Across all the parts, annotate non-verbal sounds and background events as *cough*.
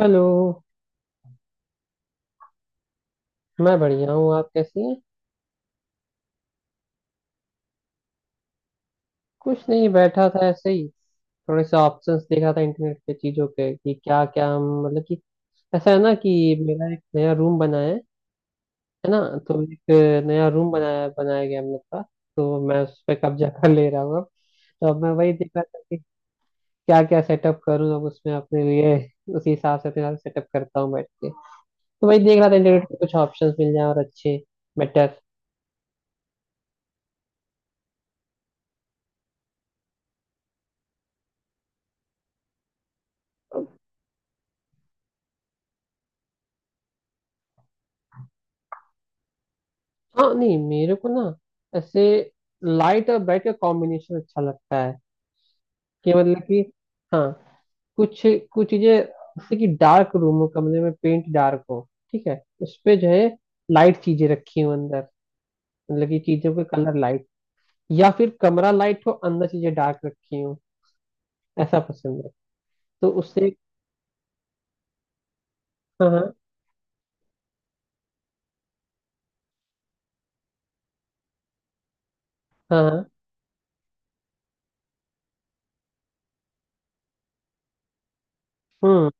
Hello. मैं बढ़िया हूँ, आप कैसी हैं? कुछ नहीं, बैठा था ऐसे ही। थोड़े से ऑप्शंस देखा था इंटरनेट पे चीज़ों पे कि क्या क्या हम, मतलब कि ऐसा है ना कि मेरा एक नया रूम बना है ना? तो एक नया रूम बनाया बनाया गया हम लोग का। तो मैं उस पर कब्जा कर ले रहा हूँ अब। तो अब मैं वही देख रहा था कि क्या क्या सेटअप करूँ अब उसमें अपने लिए, उसी हिसाब से अपने सेटअप करता हूँ बैठ के। तो वही देख रहा था इंटरनेट पे कुछ ऑप्शंस मिल जाए और अच्छे, बेटर। हाँ, नहीं मेरे को ना ऐसे लाइट और ब्राइट का कॉम्बिनेशन अच्छा लगता है, कि मतलब कि हाँ, कुछ कुछ चीजें जैसे कि डार्क रूम हो, कमरे में पेंट डार्क हो, ठीक है, उस पे जो है लाइट चीजें रखी हो अंदर, मतलब कि चीजों के कलर लाइट, या फिर कमरा लाइट हो अंदर चीजें डार्क रखी हो, ऐसा पसंद है। तो उससे हाँ हाँ, हाँ हाँ, हम्म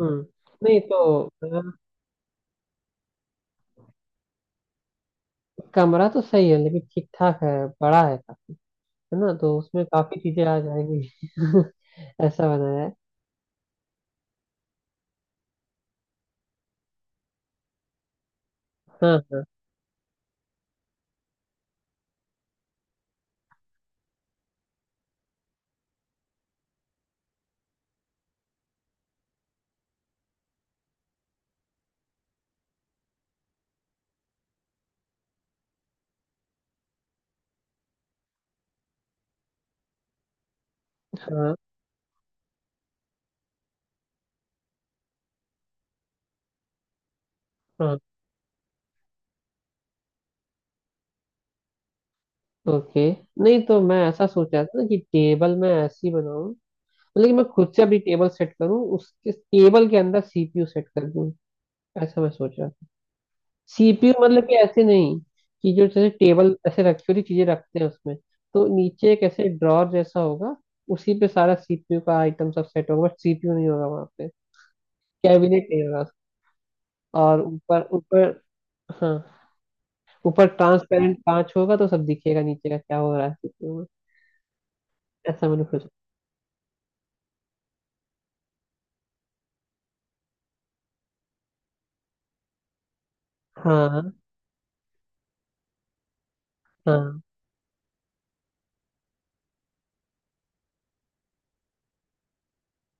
हम्म। नहीं तो अ, कमरा तो सही है, लेकिन ठीक ठाक है, बड़ा है ना? तो उसमें काफी चीजें आ जाएंगी। *laughs* ऐसा बनाया है। हाँ हाँ हाँ। ओके। नहीं तो मैं ऐसा सोच रहा था ना कि टेबल मैं ऐसी बनाऊं, मतलब कि मैं खुद से अभी टेबल सेट करूं, उसके टेबल के अंदर सीपीयू सेट कर दूं। ऐसा मैं सोच रहा था। सीपीयू मतलब कि ऐसे नहीं कि जो जैसे टेबल ऐसे रखी हुई चीजें रखते हैं उसमें। तो नीचे एक ऐसे ड्रॉर जैसा होगा, उसी पे सारा सीपीयू का आइटम सब सेट होगा, बट सीपीयू नहीं होगा वहां पे, कैबिनेट नहीं होगा। और ऊपर ऊपर हाँ, ऊपर ट्रांसपेरेंट कांच होगा, तो सब दिखेगा नीचे का क्या हो रहा है किचन में। ऐसा मैंने सोचा। हाँ हाँ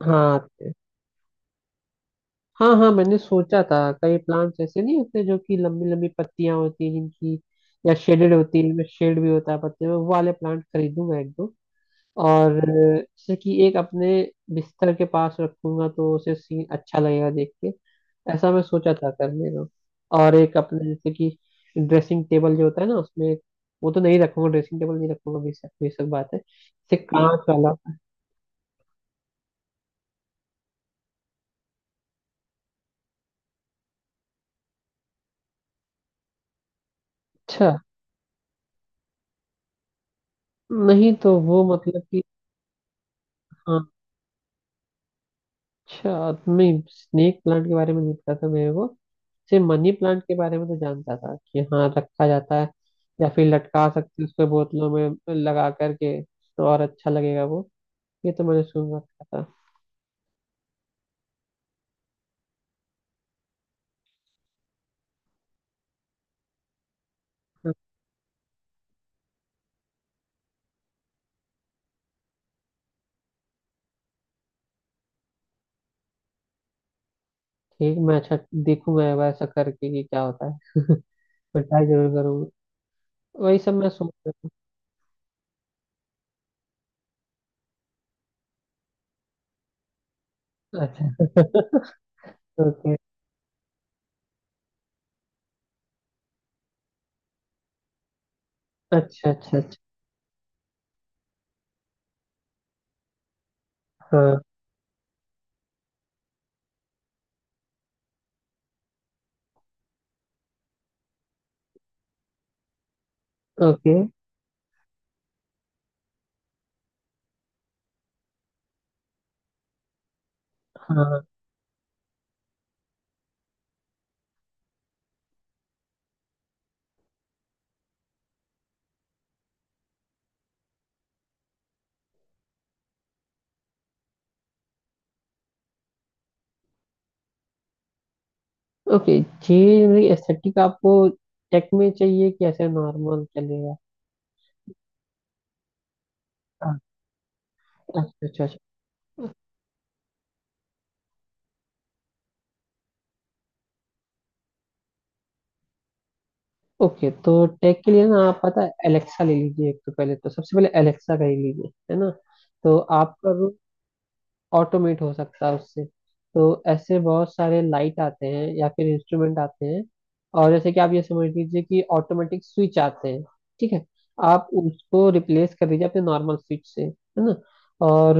हाँ हाँ हाँ, मैंने सोचा था कई प्लांट्स ऐसे नहीं होते जो कि लंबी लंबी पत्तियां होती हैं जिनकी, या शेडेड होती है, इनमें शेड भी होता है पत्ते में, वो वाले प्लांट खरीदूंगा एक दो। और जैसे कि एक अपने बिस्तर के पास रखूंगा तो उसे सीन अच्छा लगेगा देख के। ऐसा मैं सोचा था करने का। और एक अपने जैसे कि ड्रेसिंग टेबल जो होता है ना, उसमें वो तो नहीं रखूंगा, ड्रेसिंग टेबल नहीं रखूंगा, बेशक बेशक बात है, जैसे कांच वाला। अच्छा नहीं, तो वो मतलब कि हाँ, अच्छा नहीं स्नेक प्लांट के बारे में नहीं पता था मेरे को, सिर्फ मनी प्लांट के बारे में तो जानता था कि हाँ रखा जाता है, या फिर लटका सकते हैं उसको बोतलों में लगा करके तो और अच्छा लगेगा वो। ये तो मैंने सुन रखा था। हाँ, ठीक, मैं अच्छा देखूंगा एक बार ऐसा करके कि क्या होता है। *laughs* मैं ट्राई जरूर करूंगा। वही सब मैं सोच रहा था। अच्छा। *laughs* ओके। अच्छा अच्छा अच्छा। हाँ। ओके। हाँ। ओके। जी, एस्थेटिक आपको टेक में चाहिए कि ऐसे नॉर्मल चलेगा? हाँ, अच्छा अच्छा अच्छा। ओके, तो टेक के लिए ना आप पता है एलेक्सा ले लीजिए, एक तो पहले तो सबसे पहले एलेक्सा का ही लीजिए, है ना? तो आपका रूम ऑटोमेट हो सकता है उससे। तो ऐसे बहुत सारे लाइट आते हैं या फिर इंस्ट्रूमेंट आते हैं, और जैसे कि आप ये समझ लीजिए कि ऑटोमेटिक स्विच आते हैं, ठीक है। आप उसको रिप्लेस कर दीजिए अपने नॉर्मल स्विच से, है ना? और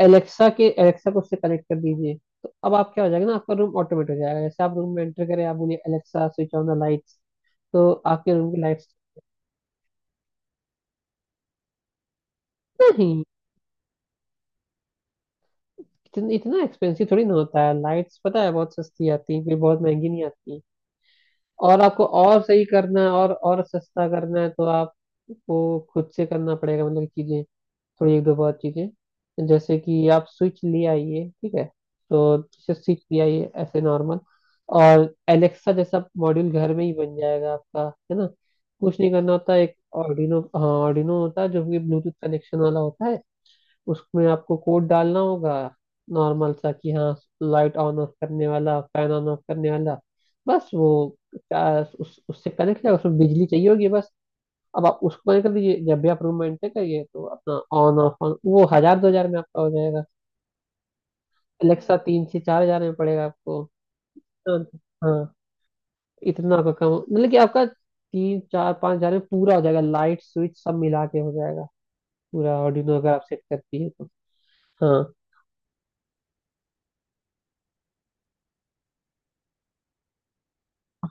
एलेक्सा को उससे कनेक्ट कर दीजिए। तो अब आप, क्या हो जाएगा ना, आपका रूम ऑटोमेट हो जाएगा। जैसे आप रूम में एंटर करें, आप बोलिए Alexa switch on the lights, तो आपके रूम की लाइट्स। नहीं, इतना इतना एक्सपेंसिव थोड़ी ना होता है, लाइट्स पता है बहुत सस्ती आती है, कोई बहुत महंगी नहीं आती। और आपको और सही करना है और सस्ता करना है तो आपको खुद से करना पड़ेगा, मतलब चीजें थोड़ी, एक दो बहुत चीजें जैसे कि आप स्विच ले आइए, ठीक है? तो जैसे स्विच ले आइए ऐसे नॉर्मल, और एलेक्सा जैसा मॉड्यूल घर में ही बन जाएगा आपका, है ना? कुछ नहीं करना होता, एक ऑर्डिनो, हाँ, ऑर्डिनो होता है जो कि ब्लूटूथ कनेक्शन वाला होता है, उसमें आपको कोड डालना होगा नॉर्मल सा, कि हाँ लाइट ऑन ऑफ करने वाला, फैन ऑन ऑफ करने वाला। बस वो आ, उस उससे कनेक्ट है, उसमें बिजली चाहिए होगी बस। अब आप उसको कनेक्ट कर दीजिए, जब भी आप रूम में एंटर करिए तो अपना ऑन ऑफ ऑन, वो हजार दो हजार में आपका हो जाएगा। Alexa तीन से चार हजार में पड़ेगा आपको। हाँ हाँ, इतना आपका कम, मतलब कि आपका तीन चार पाँच हजार में पूरा हो जाएगा, लाइट स्विच सब मिला के हो जाएगा, पूरा ऑर्डिनो अगर आप सेट करती है तो। हाँ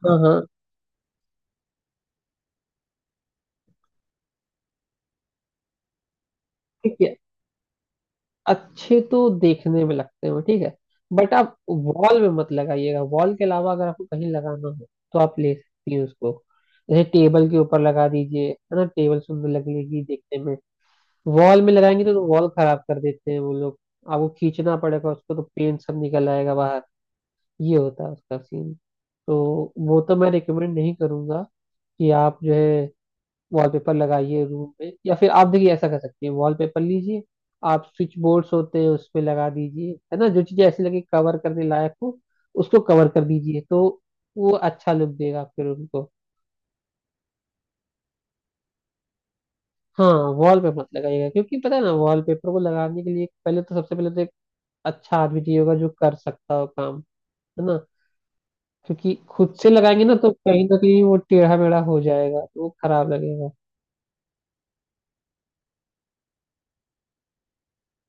हाँ हाँ। ठीक है। अच्छे तो देखने में लगते हो, ठीक है, बट आप वॉल में मत लगाइएगा। वॉल के अलावा अगर आपको कहीं लगाना हो तो आप ले सकती हैं उसको, जैसे टेबल के ऊपर लगा दीजिए, है ना, टेबल सुंदर लगेगी देखने में। वॉल में लगाएंगे तो वॉल खराब कर देते हैं वो लोग, आपको खींचना पड़ेगा उसको तो पेंट सब निकल आएगा बाहर, ये होता है उसका सीन। तो वो तो मैं रिकमेंड नहीं करूंगा कि आप जो है वॉलपेपर लगाइए रूम पे। या फिर आप देखिए ऐसा कर सकती हैं, वॉलपेपर लीजिए, आप स्विच बोर्ड्स होते हैं उस पे लगा दीजिए, है ना, जो चीजें ऐसी लगे कवर करने लायक हो उसको कवर कर दीजिए, तो वो अच्छा लुक देगा आपके रूम को। हाँ, वॉल पे मत लगाइएगा, क्योंकि पता है ना वॉलपेपर को लगाने के लिए पहले तो सबसे पहले तो एक अच्छा आदमी चाहिए होगा जो कर सकता हो काम, है ना? क्योंकि खुद से लगाएंगे ना तो कहीं ना कहीं वो टेढ़ा मेढ़ा हो जाएगा तो वो खराब लगेगा।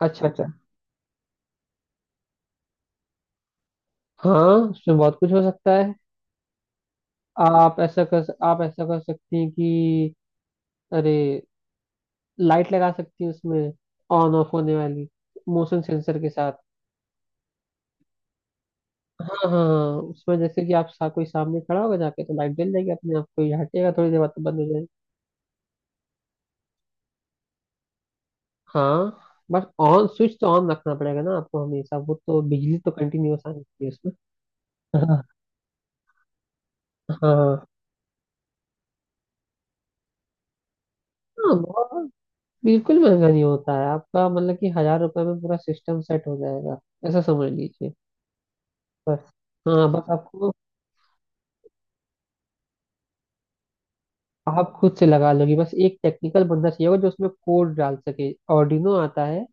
अच्छा अच्छा। हाँ, उसमें बहुत कुछ हो सकता है। आप ऐसा कर सकती हैं कि अरे, लाइट लगा सकती हैं उसमें, ऑन ऑफ होने वाली, मोशन सेंसर के साथ। हाँ हाँ हाँ, उसमें जैसे कि कोई सामने खड़ा होगा जाके तो लाइट जल जाएगी अपने आप, कोई हटेगा थोड़ी देर बाद तो बंद हो जाएगी। हाँ, बस ऑन स्विच तो ऑन रखना पड़ेगा ना आपको हमेशा, वो तो, बिजली तो कंटिन्यूअस आनी चाहिए उसमें। हाँ हाँ हाँ, बहुत बिल्कुल महंगा नहीं होता है आपका, मतलब कि हजार रुपए में पूरा सिस्टम सेट हो जाएगा, ऐसा समझ लीजिए। बस हाँ, बस आपको, आप खुद से लगा लोगे, बस एक टेक्निकल बंदा चाहिए होगा जो उसमें कोड डाल सके, ऑर्डिनो आता है,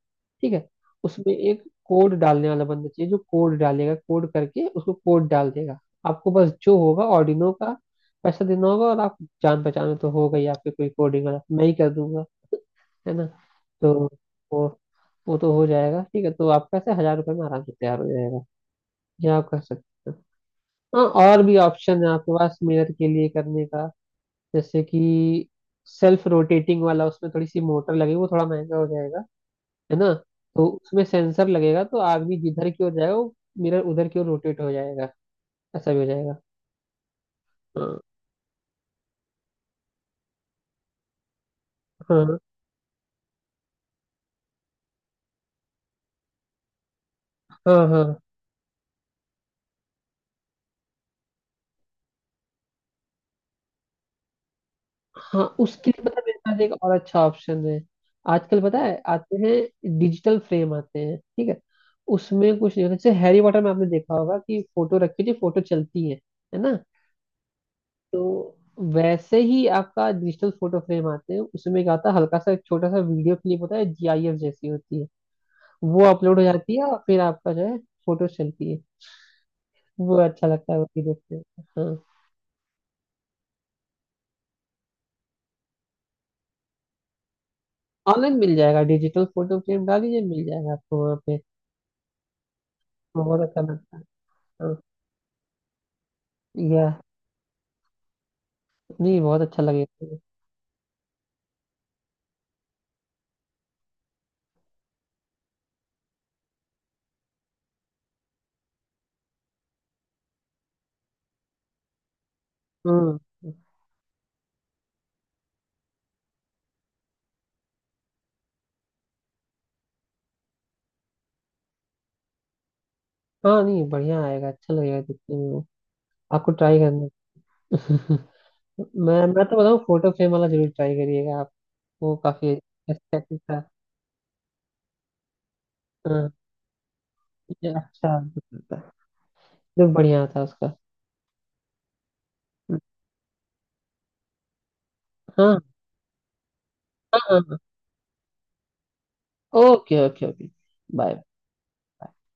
ठीक है, उसमें एक कोड डालने वाला बंदा चाहिए, जो कोड डालेगा, कोड करके उसको कोड डाल देगा। आपको बस जो होगा ऑर्डिनो का पैसा देना होगा और आप, जान पहचान में तो होगा ही आपके कोई कोडिंग वाला, मैं ही कर दूंगा, है ना? तो वो वो तो हो जाएगा, ठीक है, तो आपका से हजार रुपये में आराम से तैयार हो जाएगा, ये आप कर सकते हैं। हाँ और भी ऑप्शन है आपके पास मिरर के लिए करने का, जैसे कि सेल्फ रोटेटिंग वाला, उसमें थोड़ी सी मोटर लगेगी, वो थोड़ा महंगा हो जाएगा, है ना? तो उसमें सेंसर लगेगा, तो आदमी जिधर की ओर जाएगा वो मिरर उधर की ओर रोटेट हो जाएगा। ऐसा भी हो जाएगा। हाँ हाँ हाँ हाँ हाँ, उसके लिए पता है मेरे पास एक और अच्छा ऑप्शन है। आजकल पता है आते हैं, डिजिटल फ्रेम आते हैं, ठीक है? उसमें कुछ नहीं होता, जैसे हैरी पॉटर में आपने देखा होगा कि फोटो रखी थी, फोटो चलती है ना? तो वैसे ही आपका डिजिटल फोटो फ्रेम आते हैं, उसमें क्या होता है हल्का सा एक छोटा सा वीडियो क्लिप होता है, जीआईएफ जैसी होती है, वो अपलोड हो जाती है और फिर आपका जो है फोटो चलती है। वो अच्छा लगता है, वो भी देखते हैं। हाँ, ऑनलाइन मिल जाएगा, डिजिटल फोटो फ्रेम डाल दीजिए मिल जाएगा आपको वहाँ पे। बहुत अच्छा लगता है। हाँ या नहीं, बहुत अच्छा लगेगा। हम्म। हाँ, नहीं बढ़िया आएगा, अच्छा लगेगा देखने में वो। आपको ट्राई करना। *laughs* मैं तो बताऊँ, फोटो फ्रेम वाला जरूर ट्राई करिएगा आप, वो काफी अच्छा चीज था। हाँ ये अच्छा जो बढ़िया था उसका। हाँ हाँ हाँ। Okay okay okay. बाय।